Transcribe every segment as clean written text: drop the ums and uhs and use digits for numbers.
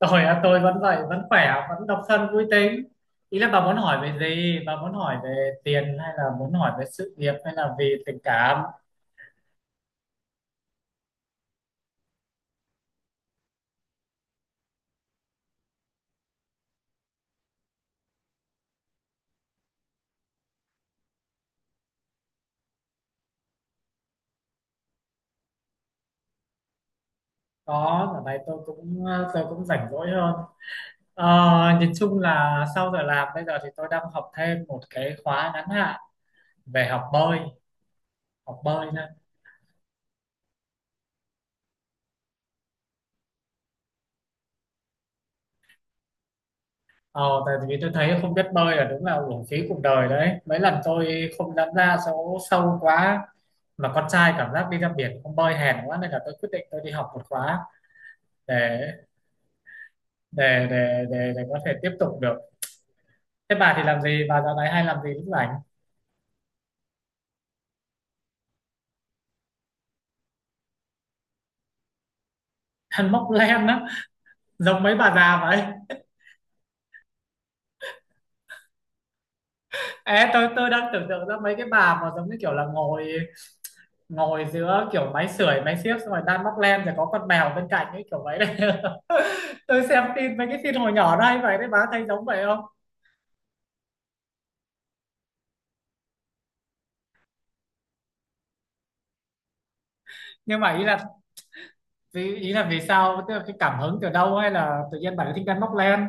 Rồi à, tôi vẫn vậy, vẫn khỏe, vẫn độc thân vui tính. Ý là bà muốn hỏi về gì? Bà muốn hỏi về tiền hay là muốn hỏi về sự nghiệp hay là vì tình cảm? Có, ở đây tôi cũng rảnh rỗi hơn. Ờ, nhìn chung là sau giờ làm bây giờ thì tôi đang học thêm một cái khóa ngắn hạn về học bơi nữa. Ờ, tại vì tôi thấy không biết bơi là đúng là uổng phí cuộc đời đấy. Mấy lần tôi không dám ra số sâu quá mà con trai cảm giác đi ra biển không bơi hèn quá, nên là tôi quyết định tôi đi học một khóa để để có thể tiếp tục được. Thế bà thì làm gì, bà dạo này hay làm gì lúc rảnh? Ăn móc len á? Giống mấy bà già vậy. Ê, tôi đang tưởng tượng ra mấy cái bà mà giống như kiểu là ngồi ngồi giữa kiểu máy sưởi máy xiếc, xong rồi đang móc len rồi có con mèo bên cạnh ấy, kiểu vậy đấy. Tôi xem tin mấy cái tin hồi nhỏ đây vậy đấy, bà thấy giống vậy không? Nhưng mà ý là, ý là vì sao, tức là cái cảm hứng từ đâu hay là tự nhiên bà lại thích ăn móc len?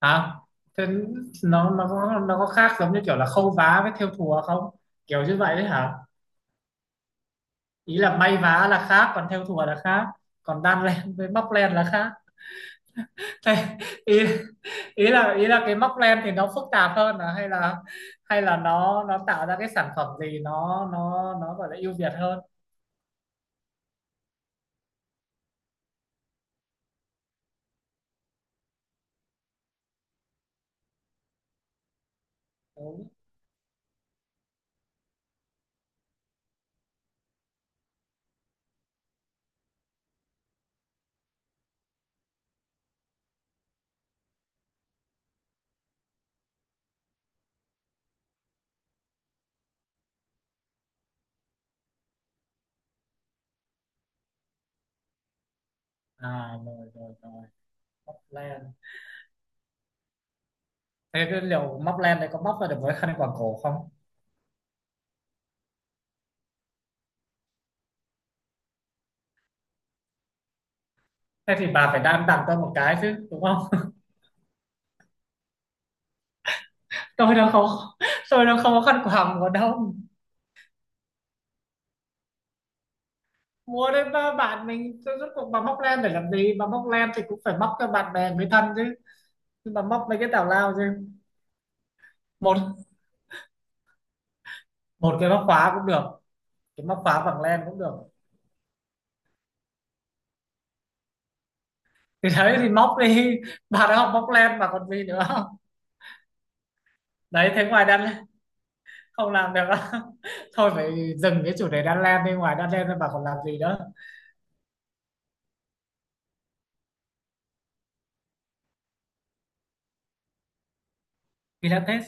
Hả? Thế nó có khác giống như kiểu là khâu vá với thêu thùa không, kiểu như vậy đấy hả? Ý là may vá là khác, còn thêu thùa là khác, còn đan len với móc len là khác. Thế ý ý là cái móc len thì nó phức tạp hơn à, hay là nó tạo ra cái sản phẩm gì nó gọi là ưu việt hơn? Đúng. À rồi rồi rồi, móc len. Thế cái liệu móc len đấy có móc ra được với khăn quàng cổ không? Thế thì bà phải đan tặng tôi một cái chứ, đúng không? tôi đâu không tôi đâu không có khăn quàng mùa đông. Mua đến ba bạn mình, tôi rốt cuộc bà móc len để làm gì, bà móc len thì cũng phải móc cho bạn bè người thân chứ. Nhưng mà móc mấy cái tào lao chứ. Một một cái móc khóa cũng được, cái móc khóa bằng len cũng được. Thì đấy thì móc đi, bà đã học móc len mà còn gì nữa. Đấy thế ngoài đan không làm được á. Thôi phải dừng cái chủ đề đan len đi, ngoài đan len ra bà còn làm gì nữa? Pilates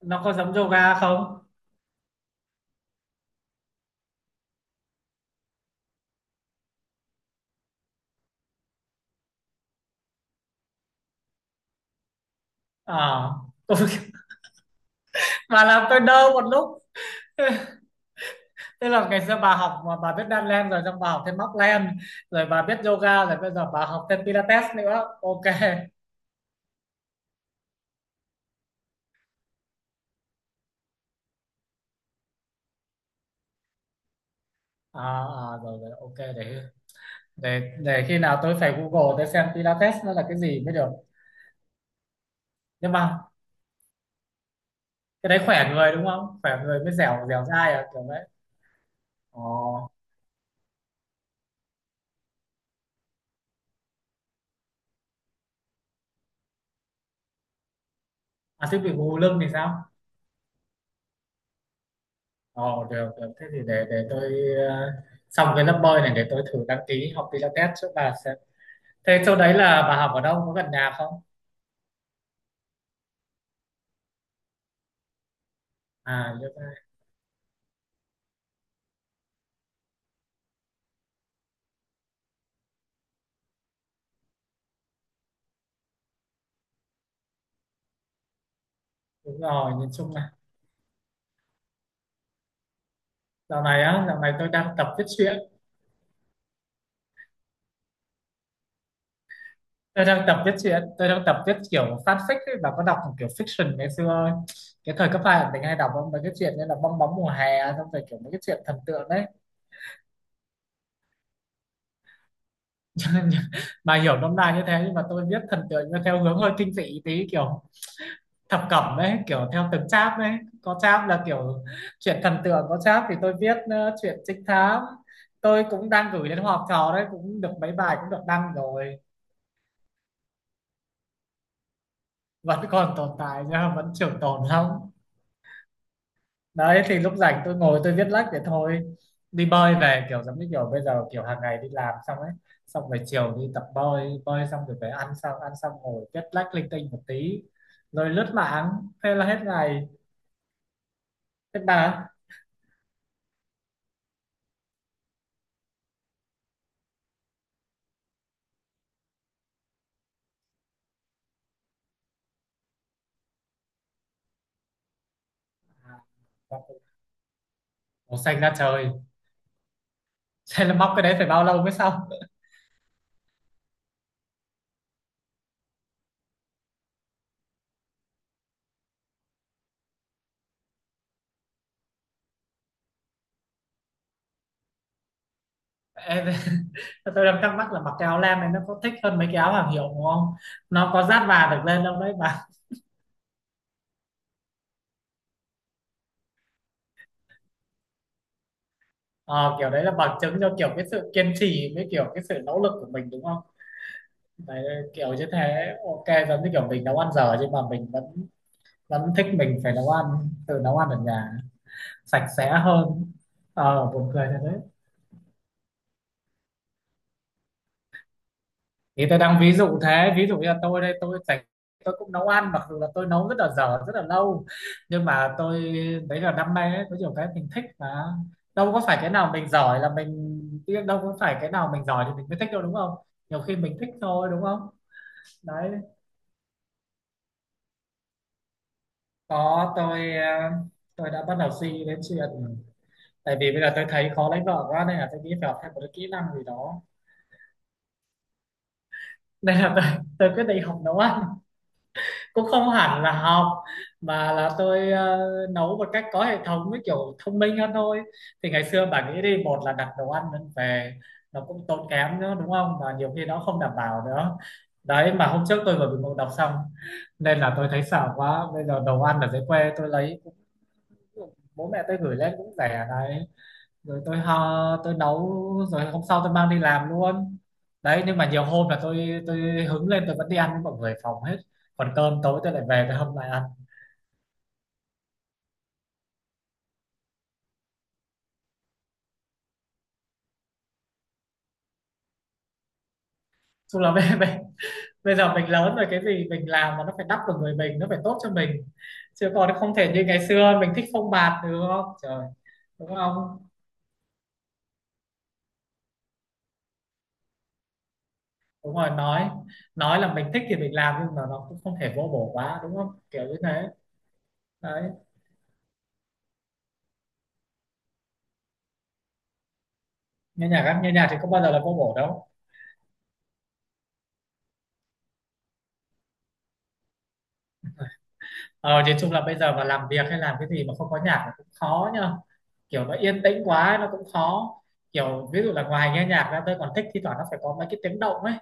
nó có giống yoga không? À tôi mà làm tôi đơ một lúc. Tức là ngày xưa bà học mà bà biết đan len rồi, xong bà học thêm móc len, rồi bà biết yoga rồi bây giờ bà học thêm Pilates nữa. Ok. À, à rồi rồi, ok, để để khi nào tôi phải Google tôi xem Pilates nó là cái gì mới được. Nhưng mà cái đấy khỏe người đúng không, khỏe người mới dẻo dẻo dai à, kiểu đấy? Ồ. À thế bị gù lưng thì sao? Ồ được được, thế thì để tôi, ờ, xong cái lớp bơi này để tôi thử đăng ký học Pilates trước, bà sẽ thế chỗ đấy là bà học ở đâu có gần nhà không? À yoga. Đúng rồi, nhìn chung là dạo này á, dạo này tôi đang tập viết truyện. Tôi đang tập viết truyện, tôi đang tập viết kiểu fanfic ấy, bà có đọc kiểu fiction ngày xưa ấy. Cái thời cấp hai là mình hay đọc mấy cái chuyện như là bong bóng mùa hè, xong rồi kiểu mấy cái chuyện thần tượng đấy. Cho nên bà hiểu nôm na như thế, nhưng mà tôi viết thần tượng theo hướng hơi kinh dị tí, kiểu thập cẩm đấy, kiểu theo từng chap đấy. Có chap là kiểu chuyện thần tượng, có chap thì tôi viết chuyện trinh thám. Tôi cũng đang gửi đến họp trò đấy, cũng được mấy bài cũng được đăng rồi. Vẫn còn tồn tại nhá, vẫn trường tồn lắm. Đấy thì lúc rảnh tôi ngồi tôi viết lách để thôi, đi bơi về kiểu giống như kiểu bây giờ kiểu hàng ngày đi làm xong ấy, xong rồi chiều đi tập bơi, bơi xong rồi về ăn, xong ăn xong ngồi viết lách linh tinh một tí, rồi lướt mạng, thế là hết ngày. Hết bà. À, màu xanh ra trời. Thế là móc cái đấy phải bao lâu mới xong? Em tôi đang thắc mắc là mặc cái áo len này nó có thích hơn mấy cái áo hàng hiệu đúng không, nó có dát và được lên đâu đấy bà? Ờ, kiểu đấy là bằng chứng cho kiểu cái sự kiên trì với kiểu cái sự nỗ lực của mình đúng không? Đấy, kiểu như thế, ok, giống như kiểu mình nấu ăn dở nhưng mà mình vẫn vẫn thích, mình phải nấu ăn, tự nấu ăn ở nhà sạch sẽ hơn. Ờ, buồn cười thật đấy. Thì tôi đang ví dụ thế, ví dụ như là tôi đây tôi sạch, tôi cũng nấu ăn mặc dù là tôi nấu rất là dở rất là lâu, nhưng mà tôi đấy là đam mê ấy, có nhiều cái mình thích mà. Đâu có phải cái nào mình giỏi là mình Đâu có phải cái nào mình giỏi thì mình mới thích đâu, đúng không? Nhiều khi mình thích thôi, đúng không? Đấy. Có, tôi tôi đã bắt đầu suy nghĩ đến chuyện, tại vì bây giờ tôi thấy khó lấy vợ quá nên là tôi nghĩ phải học thêm một cái kỹ năng gì đó. Nên là tôi quyết định học nấu ăn, cũng không hẳn là học mà là tôi nấu một cách có hệ thống với kiểu thông minh hơn thôi. Thì ngày xưa bà nghĩ đi, một là đặt đồ ăn lên về, nó cũng tốn kém nữa đúng không, và nhiều khi nó không đảm bảo nữa. Đấy, mà hôm trước tôi vừa bị ngộ độc xong, nên là tôi thấy sợ quá. Bây giờ đồ ăn ở dưới quê tôi lấy, bố mẹ tôi gửi lên cũng rẻ đấy, rồi tôi ho tôi nấu, rồi hôm sau tôi mang đi làm luôn. Đấy nhưng mà nhiều hôm là tôi hứng lên tôi vẫn đi ăn với mọi người phòng hết, còn cơm tối tôi lại về tôi hâm lại ăn. Chung là bây giờ mình lớn rồi, cái gì mình làm mà nó phải đắp vào người mình nó phải tốt cho mình, chứ còn không thể như ngày xưa mình thích phông bạt được, không trời, đúng không? Đúng rồi. Nói là mình thích thì mình làm, nhưng mà nó cũng không thể vô bổ quá đúng không, kiểu như thế. Đấy. Nghe nhạc á, nghe nhạc thì có bao giờ là vô bổ đâu. Ờ, thì chung là bây giờ mà làm việc hay làm cái gì mà không có nhạc là cũng khó nhá. Kiểu nó yên tĩnh quá nó cũng khó. Kiểu ví dụ là ngoài nghe nhạc ra tôi còn thích thi thoảng nó phải có mấy cái tiếng động ấy,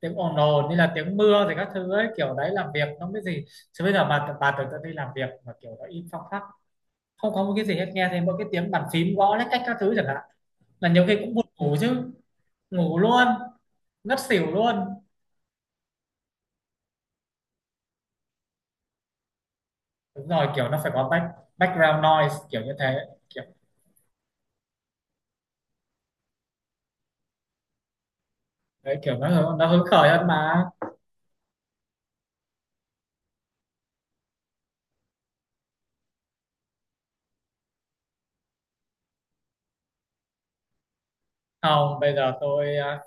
tiếng ồn ồn như là tiếng mưa thì các thứ ấy, kiểu đấy làm việc nó mới gì. Chứ bây giờ bà tưởng tượng đi, làm việc mà kiểu nó im phăng phắc, không có một cái gì hết, nghe thấy mỗi cái tiếng bàn phím gõ lách cách các thứ chẳng hạn, là nhiều khi cũng buồn ngủ chứ, ngủ luôn, ngất xỉu luôn. Đúng rồi, kiểu nó phải có background noise kiểu như thế. Kiểu đấy, kiểu nó hứng khởi hơn mà. Không, bây giờ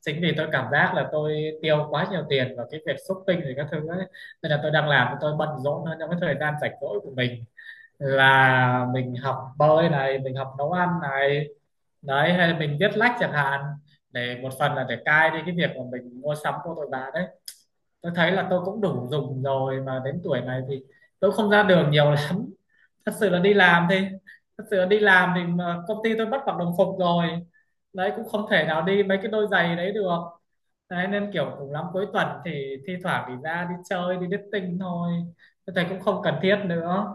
chính vì tôi cảm giác là tôi tiêu quá nhiều tiền vào cái việc shopping rồi các thứ ấy. Nên là tôi đang làm tôi bận rộn hơn trong cái thời gian rảnh rỗi của mình, là mình học bơi này, mình học nấu ăn này, đấy hay là mình viết lách chẳng hạn, để một phần là để cai đi cái việc mà mình mua sắm của tôi bà đấy. Tôi thấy là tôi cũng đủ dùng rồi, mà đến tuổi này thì tôi không ra đường nhiều lắm. thật sự là đi làm thì thật sự là đi làm thì mà công ty tôi bắt mặc đồng phục rồi, đấy cũng không thể nào đi mấy cái đôi giày đấy được. Đấy nên kiểu cùng lắm cuối tuần thì thi thoảng thì ra đi chơi đi dating thôi, tôi thấy cũng không cần thiết nữa.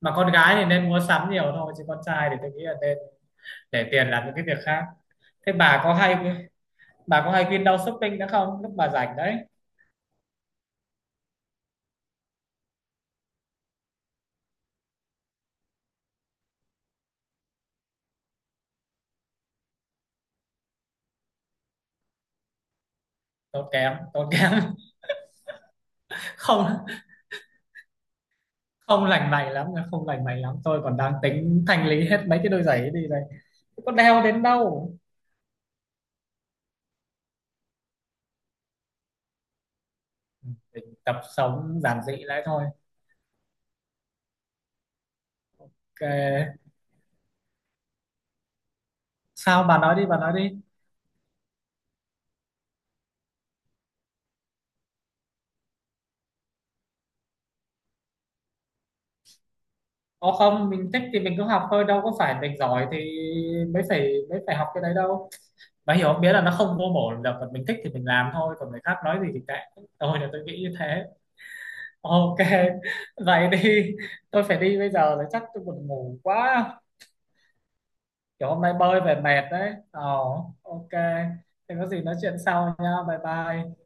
Mà con gái thì nên mua sắm nhiều thôi, chứ con trai thì tôi nghĩ là nên để tiền làm những cái việc khác. Thế bà có hay khuyên đau shopping nữa không lúc bà rảnh đấy? Tốn kém, tốn kém. Không, không lành mạnh lắm, không lành mạnh lắm, tôi còn đang tính thanh lý hết mấy cái đôi giày ấy đi đây, có đeo đến đâu. Mình tập sống giản dị lại thôi. Ok. Sao bà nói đi, bà nói đi. Ồ không, mình thích thì mình cứ học thôi, đâu có phải mình giỏi thì mới phải học cái đấy đâu. Mà hiểu biết là nó không vô bổ được, còn mình thích thì mình làm thôi, còn người khác nói gì thì kệ. Tôi là tôi nghĩ như thế. Ok, vậy đi. Tôi phải đi bây giờ rồi, chắc tôi buồn ngủ quá. Kiểu hôm nay bơi về mệt đấy. Ồ, ok. Thì có gì nói chuyện sau nha. Bye bye.